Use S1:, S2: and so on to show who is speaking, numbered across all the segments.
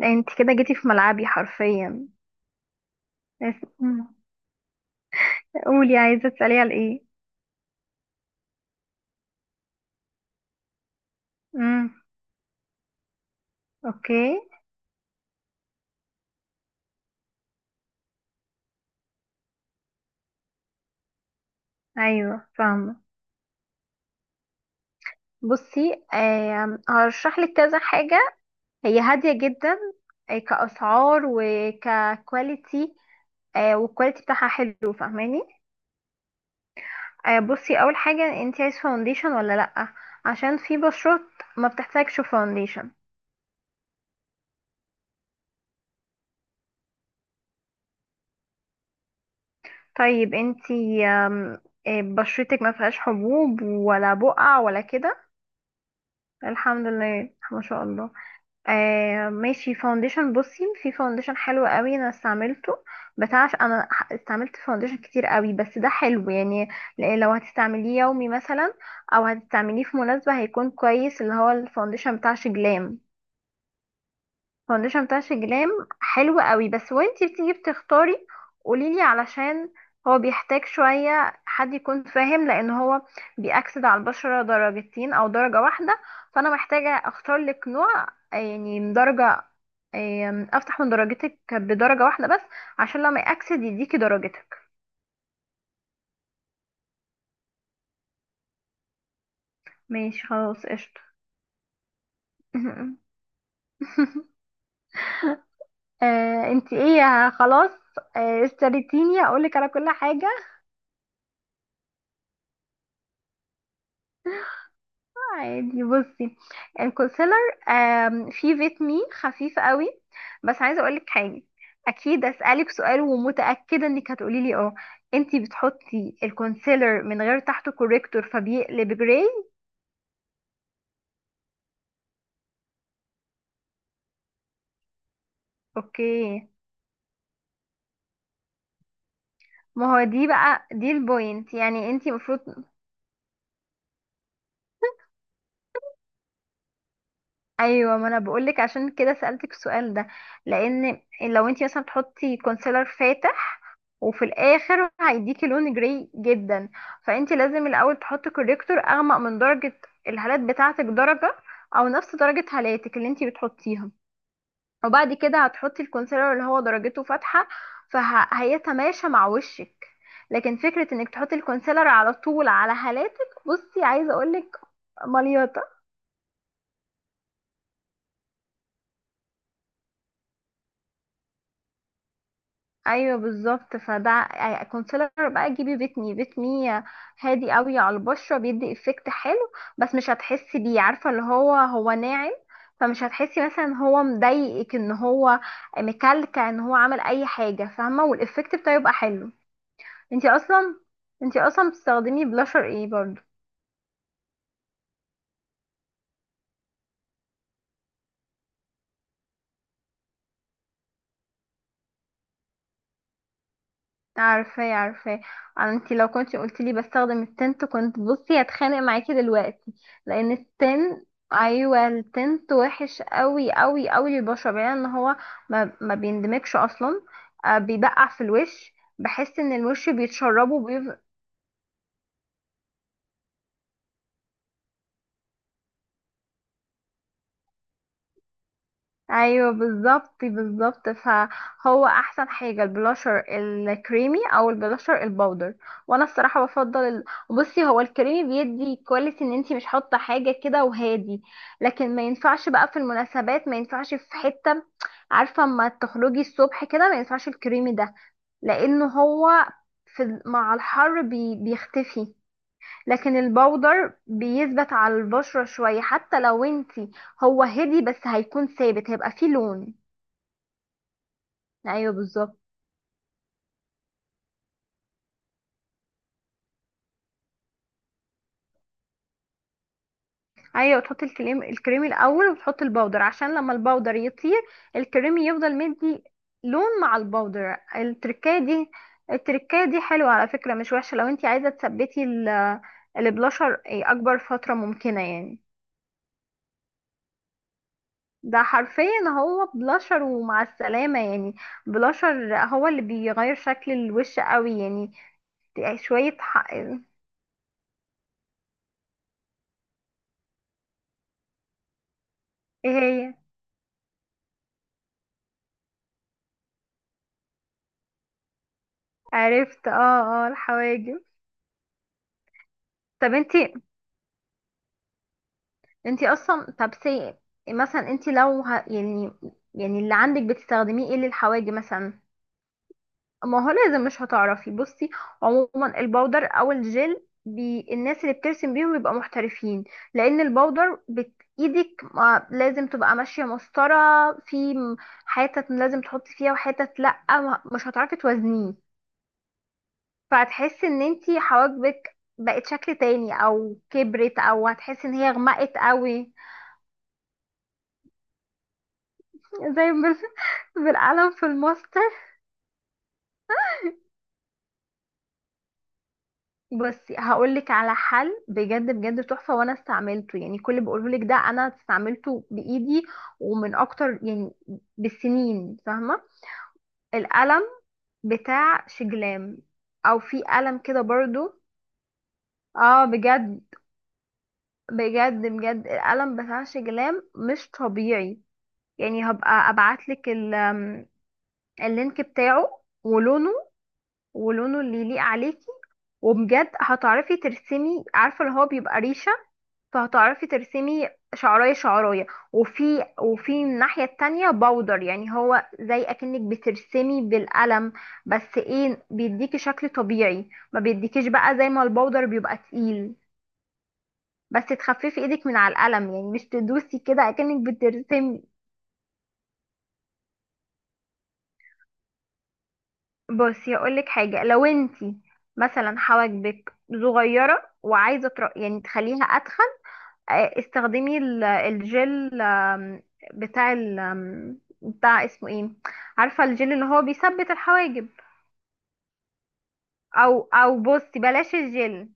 S1: يعني انت كده جيتي في ملعبي حرفيا. بس- مم. قولي عايزة تسألي على ايه. امم، اوكي. ايوه فاهمة. بصي هرشح لك كذا حاجة، هي هادية جدا، كأسعار وككواليتي، والكواليتي بتاعها حلو، فاهماني؟ بصي اول حاجة، انت عايز فاونديشن ولا لأ؟ عشان في بشرات ما بتحتاجش فاونديشن. طيب انت بشرتك ما فيهاش حبوب ولا بقع ولا كده؟ الحمد لله ما شاء الله. آه ماشي، فاونديشن، بصي في فاونديشن حلو قوي انا استعملته، بتاع انا استعملت فاونديشن كتير قوي بس ده حلو يعني، لو هتستعمليه يومي مثلا او هتستعمليه في مناسبة هيكون كويس، اللي هو الفاونديشن بتاع شجلام. فاونديشن بتاع شجلام حلو قوي، بس وانتي بتيجي بتختاري قوليلي، علشان هو بيحتاج شوية حد يكون فاهم، لان هو بيأكسد على البشرة درجتين او درجة واحدة، فانا محتاجة اختار لك نوع يعني من درجة، افتح من درجتك بدرجة واحدة بس، عشان لما يأكسد يديكي درجتك. ماشي خلاص قشطة. انتي ايه؟ خلاص، اشتريتيني اقولك على كل حاجة. عادي، بصي الكونسيلر فيه فيتامين خفيف قوي، بس عايزه اقولك حاجه، اكيد اسالك سؤال ومتاكده انك هتقولي لي اه، انتي بتحطي الكونسيلر من غير تحته كوريكتور فبيقلب جراي؟ اوكي، ما هو دي بقى، البوينت، يعني انتي المفروض. ايوه ما انا بقولك، عشان كده سألتك السؤال ده، لان لو انت مثلا تحطي كونسيلر فاتح، وفي الاخر هيديكي لون جري جدا، فانت لازم الاول تحطي كوريكتور اغمق من درجة الهالات بتاعتك درجة، او نفس درجة هالاتك اللي انت بتحطيها، وبعد كده هتحطي الكونسيلر اللي هو درجته فاتحة، فهيتماشى مع وشك. لكن فكرة انك تحطي الكونسيلر على طول على هالاتك بصي عايزة اقولك مليطة. ايوه بالظبط، فده كونسيلر بقى جيبي بيت مي بيت مي، هادي قوي على البشره، بيدي افكت حلو، بس مش هتحسي بيه، عارفه اللي هو هو ناعم، فمش هتحسي مثلا إن هو مضايقك، ان هو مكلكع، ان هو عمل اي حاجه، فاهمه؟ والافكت بتاعه يبقى حلو. انتي اصلا انتي اصلا بتستخدمي بلاشر ايه برضو؟ عارفاه عارفاه، انت لو كنت قلت لي بستخدم التنت كنت بصي هتخانق معاكي دلوقتي، لان التن ايوه التنت وحش قوي قوي قوي للبشره، بعيدا ان هو ما بيندمجش اصلا، آه بيبقع في الوش، بحس ان الوش بيتشربه. ايوه بالظبط بالظبط، فهو احسن حاجه البلاشر الكريمي او البلاشر البودر، وانا الصراحه بفضل بصي هو الكريمي بيدي كواليتي ان انتي مش حاطه حاجه كده، وهادي، لكن ما ينفعش بقى في المناسبات، ما ينفعش في حته، عارفه؟ اما تخرجي الصبح كده ما ينفعش الكريمي ده، لانه هو مع الحر بيختفي. لكن البودر بيثبت على البشرة شوية، حتى لو انتي هو هدي، بس هيكون ثابت، هيبقى فيه لون. ايوه بالظبط. ايوه تحطي الكريم الاول وتحطي البودر، عشان لما البودر يطير الكريم يفضل مدي لون مع البودر، التركايه دي. التركايه دي حلوه على فكره، مش وحشه، لو انتي عايزه تثبتي البلاشر اكبر فتره ممكنه يعني. ده حرفيا هو بلاشر ومع السلامه يعني، بلاشر هو اللي بيغير شكل الوش قوي يعني، يعني شوية حق ايه. هي عرفت، اه اه الحواجب. طب انتي انتي اصلا طب سي مثلا انتي لو يعني، يعني اللي عندك بتستخدميه ايه للحواجب مثلا؟ ما هو لازم مش هتعرفي، بصي عموما البودر او الجل الناس اللي بترسم بيهم بيبقى محترفين، لان ايدك ما لازم تبقى ماشية مسطرة، في م- حتت لازم تحطي فيها وحتت لأ مش هتعرفي توازنيه، فهتحسي ان انتي حواجبك بقت شكل تاني او كبرت، او هتحسي ان هي غمقت قوي، زي بال... بالقلم في الماستر. بصي هقولك على حل بجد بجد تحفة، وانا استعملته، يعني كل اللي بقولهولك ده انا استعملته بايدي، ومن اكتر يعني بالسنين، فاهمة؟ القلم بتاع شجلام، او في قلم كده برضو، اه بجد، بجد القلم بتاع شجلام مش طبيعي. يعني هبقى ابعتلك ال- آم، اللينك بتاعه ولونه، ولونه اللي يليق عليكي، وبجد هتعرفي ترسمي، عارفة اللي هو بيبقى ريشة، فهتعرفي ترسمي شعراية شعراية، وفي الناحية التانية باودر، يعني هو زي اكنك بترسمي بالقلم بس ايه بيديكي شكل طبيعي، ما بيديكيش بقى زي ما الباودر بيبقى تقيل، بس تخففي ايدك من على القلم، يعني مش تدوسي كده اكنك بترسمي. بصي اقولك حاجه، لو انتي مثلا حواجبك صغيره وعايزه يعني تخليها اتخن، استخدمي الجل بتاع ال... آم، بتاع اسمه ايه، عارفه الجل اللي هو بيثبت الحواجب، او او بصي بلاش الجل،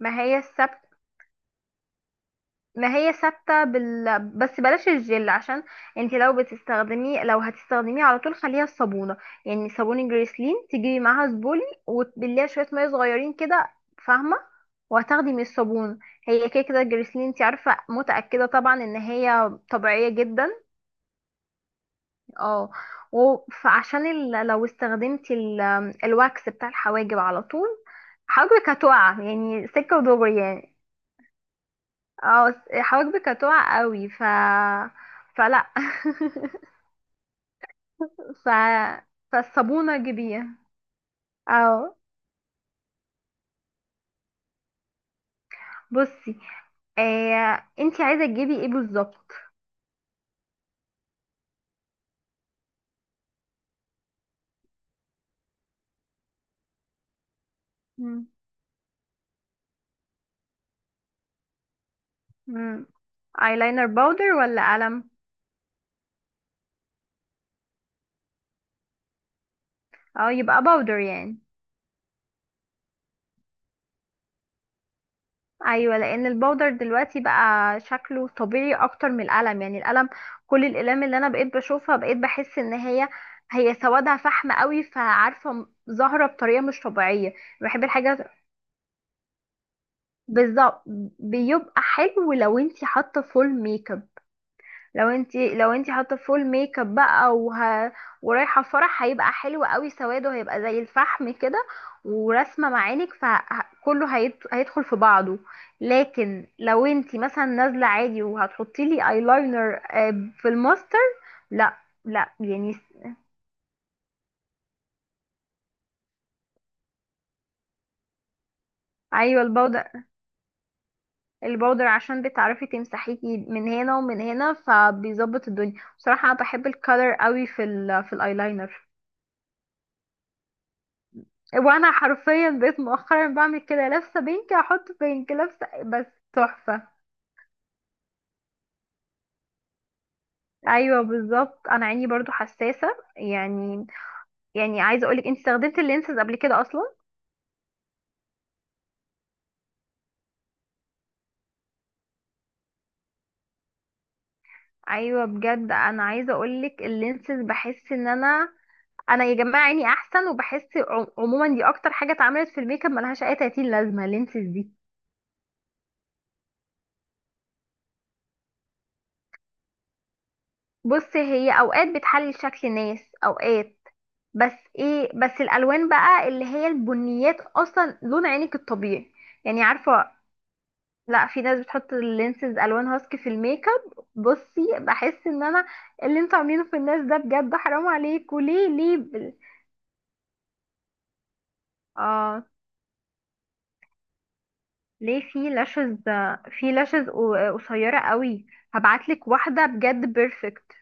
S1: ما هي الثبت، ما هي ثابتة بس بلاش الجل، عشان انت لو بتستخدميه، لو هتستخدميه على طول، خليها الصابونة، يعني صابون جريسلين تجيبي معاها زبولي، وتبليها شوية مية صغيرين كده، فاهمة؟ وهتاخدي من الصابون، هي كده كده الجريسلين انت عارفة متأكدة طبعا ان هي طبيعية جدا. اه، لو استخدمتي الواكس بتاع الحواجب على طول حواجبك هتقع، يعني سكة ودغري يعني، اه حواجبك هتقع قوي ف، فلا. ف، فالصابونة جيبيها. اه بصي، انتي عايزة تجيبي ايه بالظبط؟ مم. مم. ايلاينر باودر ولا قلم؟ اه يبقى باودر يعني، ايوه لان الباودر دلوقتي بقى شكله طبيعي اكتر من القلم، يعني القلم، كل الاقلام اللي انا بقيت بشوفها بقيت بحس ان هي، هي سوادها فحم قوي، فعارفه ظاهره بطريقه مش طبيعيه. بحب الحاجه، بالظبط، بيبقى حلو لو انت حاطه فول ميك اب، لو انت حاطه فول ميك اب بقى ورايحه فرح، هيبقى حلو قوي، سواده هيبقى زي الفحم كده، ورسمه معانك، هيدخل في بعضه. لكن لو انت مثلا نازله عادي وهتحطي لي ايلاينر في الماستر، لا، لا يعني. ايوه البودرة، البودر عشان بتعرفي تمسحيه من هنا ومن هنا فبيظبط الدنيا، بصراحة انا بحب الكالر قوي في الايلاينر. وانا حرفيا بقيت مؤخرا بعمل كده، لابسة بينك احط بينك، لابسة بس، تحفة. ايوه بالظبط، انا عيني برضو حساسة، يعني يعني عايزة اقولك، انت استخدمت اللينسز قبل كده اصلا؟ ايوه بجد، انا عايزة اقولك اللينسز بحس ان انا، انا يا جماعه عيني احسن، وبحس عموما دي اكتر حاجه اتعملت في الميك اب، ملهاش اي 30 لازمه اللينسز دي. بص هي اوقات بتحلي شكل ناس، اوقات بس ايه، بس الالوان بقى اللي هي البنيات اصلا لون عينك الطبيعي، يعني عارفه، لا في ناس بتحط اللينسز الوان هاسكي في الميك اب، بصي بحس ان انا، اللي انتوا عاملينه في الناس ده بجد حرام عليكوا، ليه ليه اه ليه في لاشز، في لاشز قصيره قوي، هبعتلك واحده بجد بيرفكت.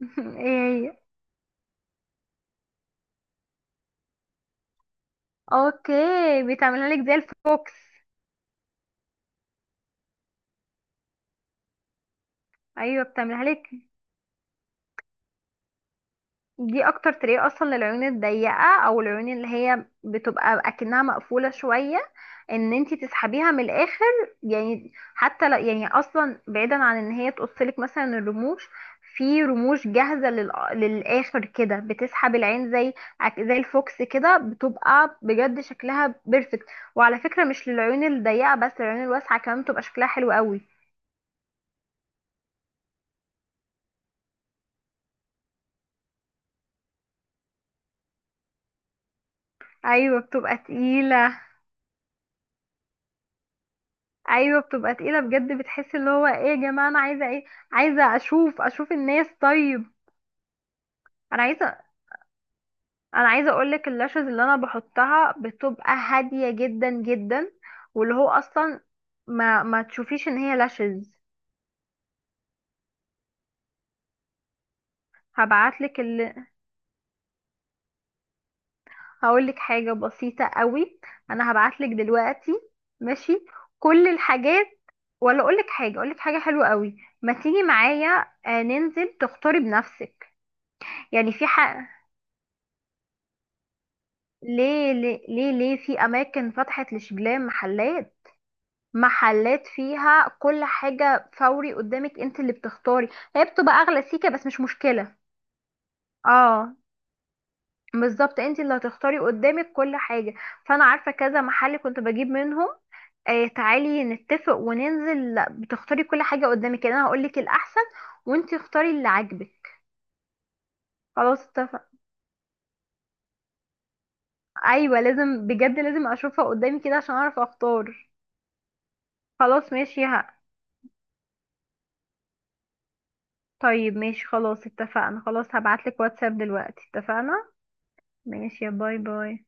S1: ايه هي؟ اوكي بتعملها لك زي الفوكس. ايوه بتعملها لك، دي اكتر طريقة اصلا للعيون الضيقة، او العيون اللي هي بتبقى اكنها مقفولة شوية، ان انتي تسحبيها من الاخر، يعني حتى لو يعني اصلا بعيدا عن ان هي تقصلك مثلا الرموش، في رموش جاهزة للاخر كده بتسحب العين زي، زي الفوكس كده، بتبقى بجد شكلها بيرفكت. وعلى فكرة مش للعيون الضيقة بس، العيون الواسعة كمان بتبقى شكلها حلو قوي. ايوه بتبقى تقيلة، ايوه بتبقى تقيله بجد، بتحس اللي هو ايه يا جماعه، انا عايزه ايه، عايزه اشوف، اشوف الناس، طيب. انا عايزه، انا عايزه اقول لك، اللاشز اللي انا بحطها بتبقى هاديه جدا جدا، واللي هو اصلا ما ما تشوفيش ان هي لاشز. هبعت لك اللي، هقول لك حاجه بسيطه قوي، انا هبعت لك دلوقتي، ماشي، كل الحاجات، ولا اقول لك حاجه، اقول لك حاجه حلوه قوي، ما تيجي معايا ننزل تختاري بنفسك. يعني في حق، ليه في اماكن فتحت لشبلان محلات، محلات فيها كل حاجة فوري قدامك انت اللي بتختاري، هي بتبقى اغلى سيكة بس مش مشكلة. اه بالظبط، انت اللي هتختاري قدامك كل حاجة، فانا عارفة كذا محل كنت بجيب منهم. آه تعالي نتفق وننزل، لا، بتختاري كل حاجة قدامك، يعني انا هقولك الاحسن، وانت اختاري اللي عاجبك. خلاص اتفق، ايوه لازم بجد، لازم اشوفها قدامي كده عشان اعرف اختار. خلاص ماشي، طيب ماشي خلاص اتفقنا، خلاص هبعتلك واتساب دلوقتي، اتفقنا، ماشي، يا باي باي.